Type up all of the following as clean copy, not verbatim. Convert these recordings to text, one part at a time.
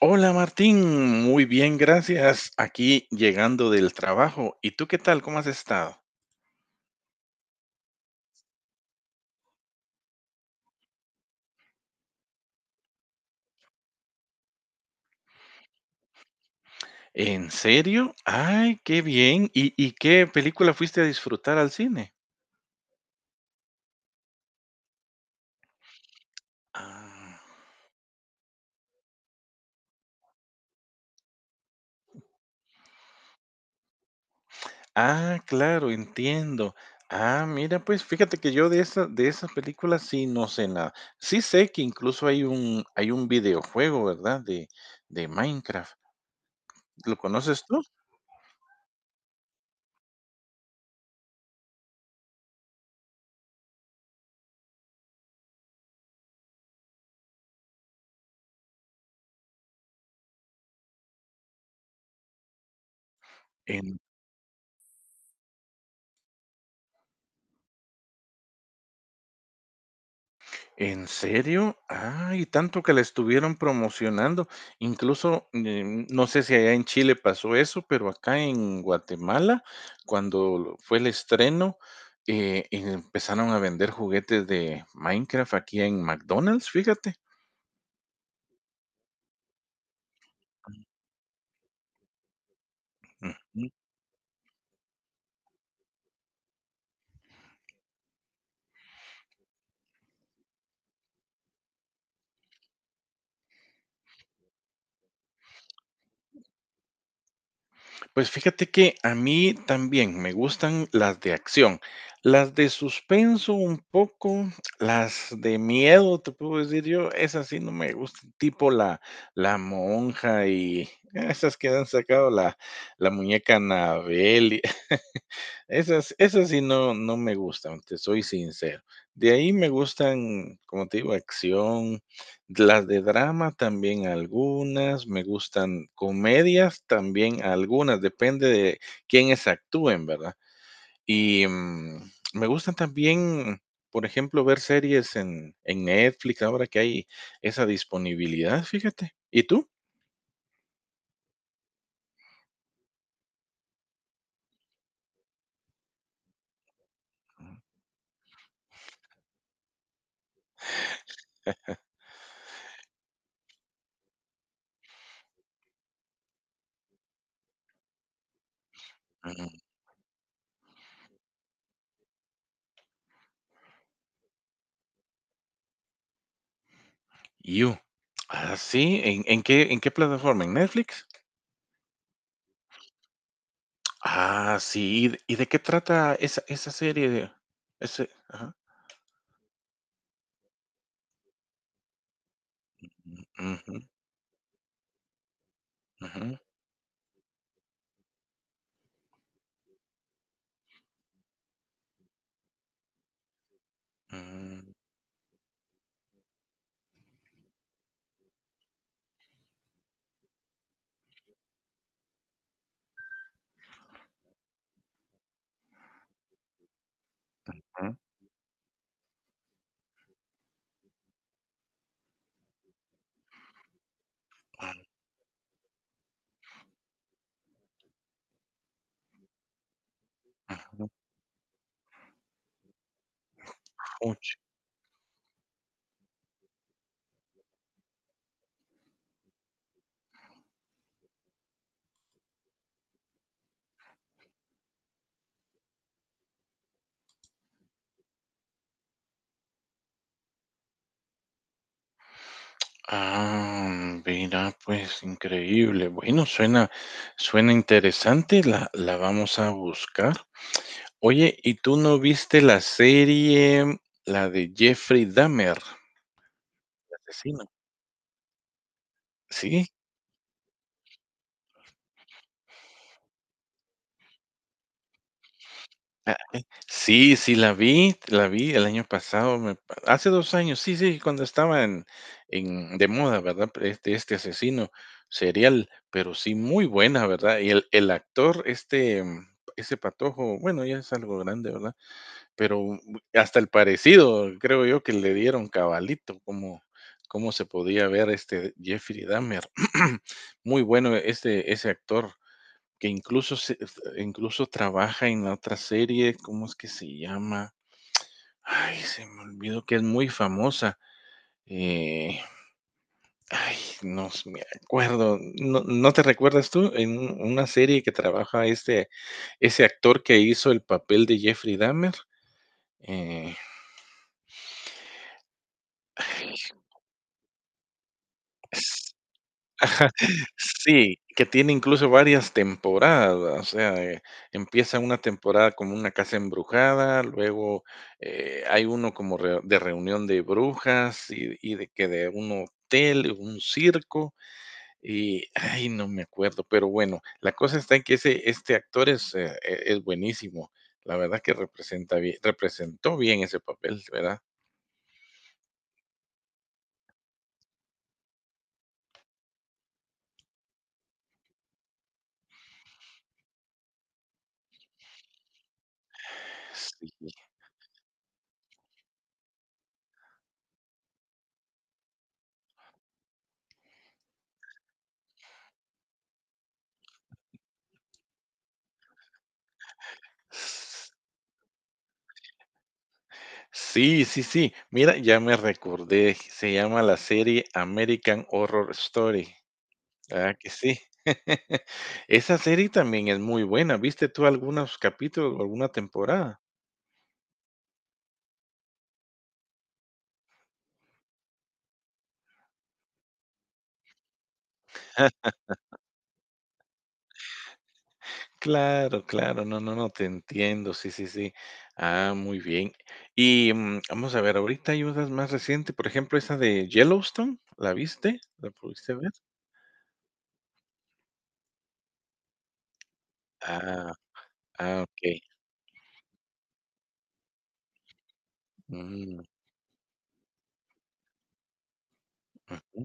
Hola Martín, muy bien, gracias. Aquí llegando del trabajo. ¿Y tú qué tal? ¿Cómo has estado? ¿En serio? Ay, qué bien. ¿Y qué película fuiste a disfrutar al cine? Ah, ah, claro, entiendo. Ah, mira, pues fíjate que yo de esa, de esas películas sí no sé nada. Sí sé que incluso hay un videojuego, ¿verdad? De Minecraft. ¿Lo conoces tú? ¿En en serio? Ay, tanto que la estuvieron promocionando. Incluso, no sé si allá en Chile pasó eso, pero acá en Guatemala, cuando lo fue el estreno, empezaron a vender juguetes de Minecraft aquí en McDonald's, fíjate. Ujú. Pues fíjate que a mí también me gustan las de acción, las de suspenso un poco, las de miedo, te puedo decir yo, esas sí no me gustan, tipo la, la monja y esas que han sacado la, la muñeca Anabel esas sí no me gustan, te soy sincero. De ahí me gustan, como te digo, acción, las de drama también algunas, me gustan comedias también algunas, depende de quiénes actúen, ¿verdad? Y, me gustan también, por ejemplo, ver series en Netflix, ahora que hay esa disponibilidad, fíjate. ¿Y tú? Mm, You. Ah, sí, ¿en qué en qué plataforma? ¿En Netflix? Ah, sí, ¿y de qué trata esa serie? Ese ajá. Ujú, ujú, mm, ujú, un coach. Ah, mira, pues increíble. Bueno, suena interesante, la vamos a buscar. Oye, ¿y tú no viste la serie, la de Jeffrey Dahmer, el asesino? Sí. Ah, sí, sí, la vi el año pasado, me pa hace 2 años, sí, sí, cuando estaba en de moda, ¿verdad? Este asesino serial, pero sí muy buena, ¿verdad? Y el actor, este, ese patojo, bueno, ya es algo grande, ¿verdad? Pero hasta el parecido, creo yo que le dieron cabalito, como cómo se podía ver, este, Jeffrey Dahmer. Muy bueno ese actor que incluso trabaja en la otra serie, ¿cómo es que se llama? Ay, se me olvidó que es muy famosa. Eh, ay, me acuerdo. ¿No te recuerdas tú en una serie que trabaja este ese actor que hizo el papel de Jeffrey Dahmer? Eh, Sí, que tiene incluso varias temporadas, o sea, empieza una temporada como una casa embrujada, luego, hay uno como re de reunión de brujas y de un hotel, un circo, y, ay, no me acuerdo, pero bueno, la cosa está en que ese este actor es, es buenísimo. La verdad que representa bien representó bien ese papel, ¿verdad? Sí. Sí, sí, sí. Mira, ya me recordé, se llama la serie American Horror Story. Ah, que sí. Esa serie también es muy buena. ¿Viste tú algunos capítulos o alguna temporada? Claro, claro, no, no, no, te entiendo, sí, sí, sí. Ah, muy bien. Y vamos a ver, ahorita hay unas más recientes, por ejemplo, esa de Yellowstone, ¿la viste? ¿La pudiste ver? Ah, ah, ok. Mm, ujú,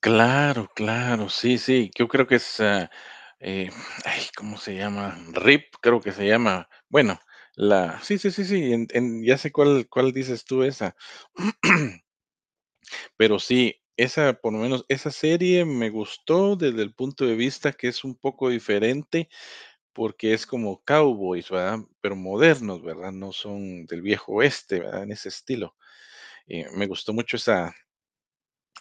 Claro, claro, sí, sí, yo creo que es, ah, eh, ay, ¿cómo se llama? RIP, creo que se llama. Bueno, la sí, sí, sí, sí, en ya sé cuál dices tú, esa. Pero sí, esa, por lo menos, esa serie me gustó desde el punto de vista que es un poco diferente, porque es como cowboys, ¿verdad? Pero modernos, ¿verdad? No son del viejo oeste, ¿verdad? En ese estilo. Me gustó mucho esa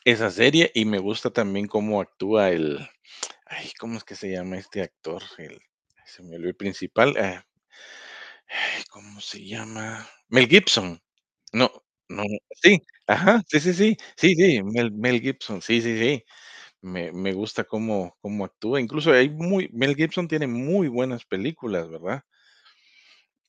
esa serie y me gusta también cómo actúa el Ay, ¿cómo es que se llama este actor? El se me olvidó el principal, ah, ay, ¿cómo se llama? Mel Gibson. No, no, sí, ajá, sí, sí, sí, sí, sí, Mel Gibson, sí, sí, sí, me gusta cómo actúa, incluso hay muy Mel Gibson tiene muy buenas películas, ¿verdad?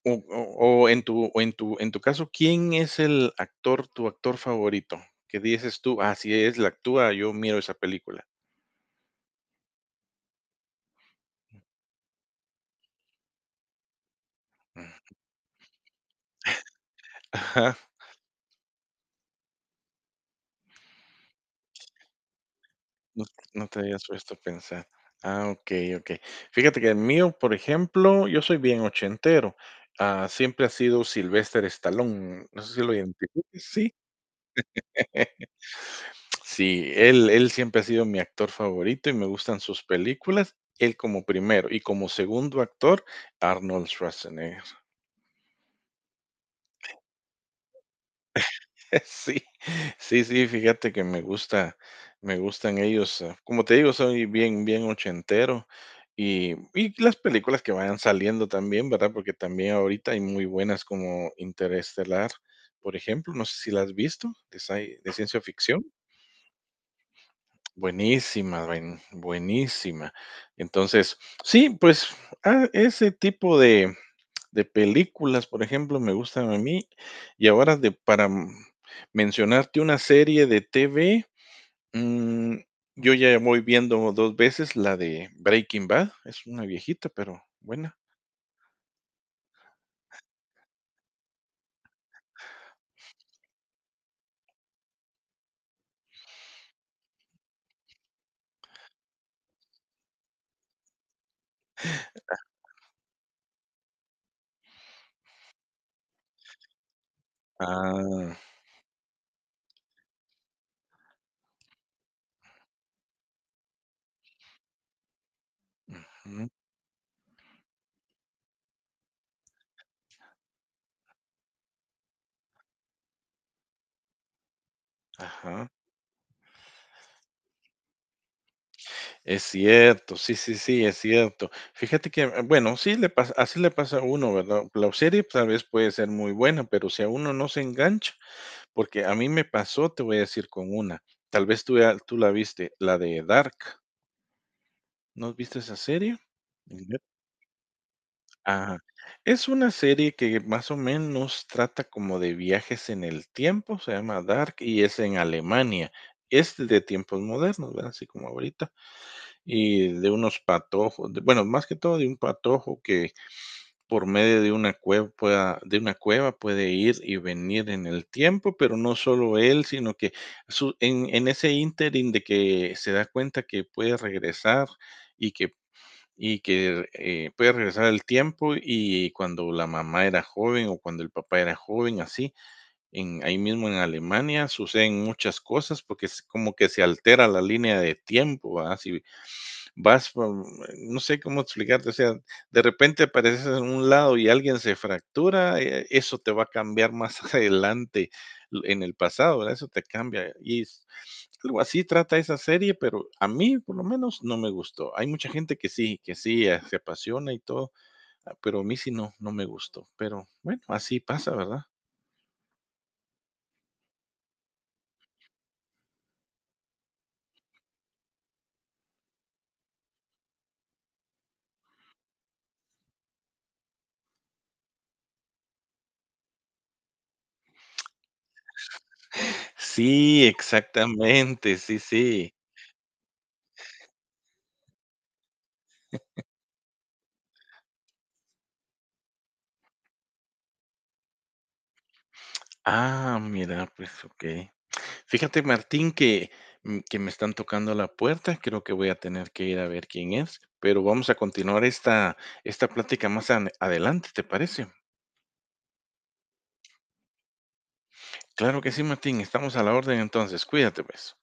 O en tu en tu caso, ¿quién es el actor, tu actor favorito? ¿Qué dices tú: "Ah, si él actúa, yo miro esa película". Mm, ajá. No no te habías puesto a pensar. Ah, okey, okey. Fíjate que el mío, por ejemplo, yo soy bien ochentero. Ah, siempre ha sido Sylvester Stallone, no sé si lo identificas. Sí. Sí, él siempre ha sido mi actor favorito y me gustan sus películas, él como primero, y como segundo actor, Arnold Schwarzenegger. Sí, sí, sí, fíjate que me gusta, me gustan ellos. Como te digo, soy bien ochentero. Y las películas que vayan saliendo también, ¿verdad? Porque también ahorita hay muy buenas como Interestelar, por ejemplo. No sé si la has visto, de, de ciencia ficción. Buenísima, buenísima. Entonces, sí, pues ah, ese tipo de películas, por ejemplo, me gustan a mí. Y ahora de para, mencionarte una serie de TV, mm, yo ya voy viendo 2 veces la de Breaking Bad, es una viejita, pero buena. Ah, ujú, ajá. Es cierto, sí, sí, sí, es cierto. Fíjate que, bueno, sí le pasa así le pasa a uno, ¿verdad? La serie tal vez puede ser muy buena, pero si a uno no se engancha, porque a mí me pasó, te voy a decir con una, tal vez tú ya tú la viste, la de Dark. ¿No has visto esa serie? Macbeth. Ajá. Es una serie que más o menos trata como de viajes en el tiempo, se llama Dark y es en Alemania. Es de tiempos modernos, ¿verdad? Así como ahorita. Y de unos patojos, bueno, más que todo de un patojo que por medio de una cueva pueda, de una cueva puede ir y venir en el tiempo, pero no solo él, sino que en ese ínterin de que se da cuenta que puede regresar y que puedes regresar al tiempo y cuando la mamá era joven o cuando el papá era joven, así, en ahí mismo en Alemania suceden muchas cosas porque es como que se altera la línea de tiempo, ¿verdad? Si vas, por no sé cómo explicarte, o sea, de repente apareces en un lado y alguien se fractura, eso te va a cambiar más adelante l en el pasado, ¿verdad? Eso te cambia y algo así trata esa serie, pero a mí, por lo menos, no me gustó. Hay mucha gente que sí, se apasiona y todo, ah, pero a mí sí no, no me gustó. Pero bueno, así pasa, ¿verdad? Sí, exactamente, sí, sí. Ah, mira, pues okey. Fíjate, Martín, que, que me están tocando la puerta, creo que voy a tener que ir a ver quién es, pero vamos a continuar esta plática más ane adelante, ¿te parece? Claro que sí, Martín, estamos a la orden entonces, cuídate, pues.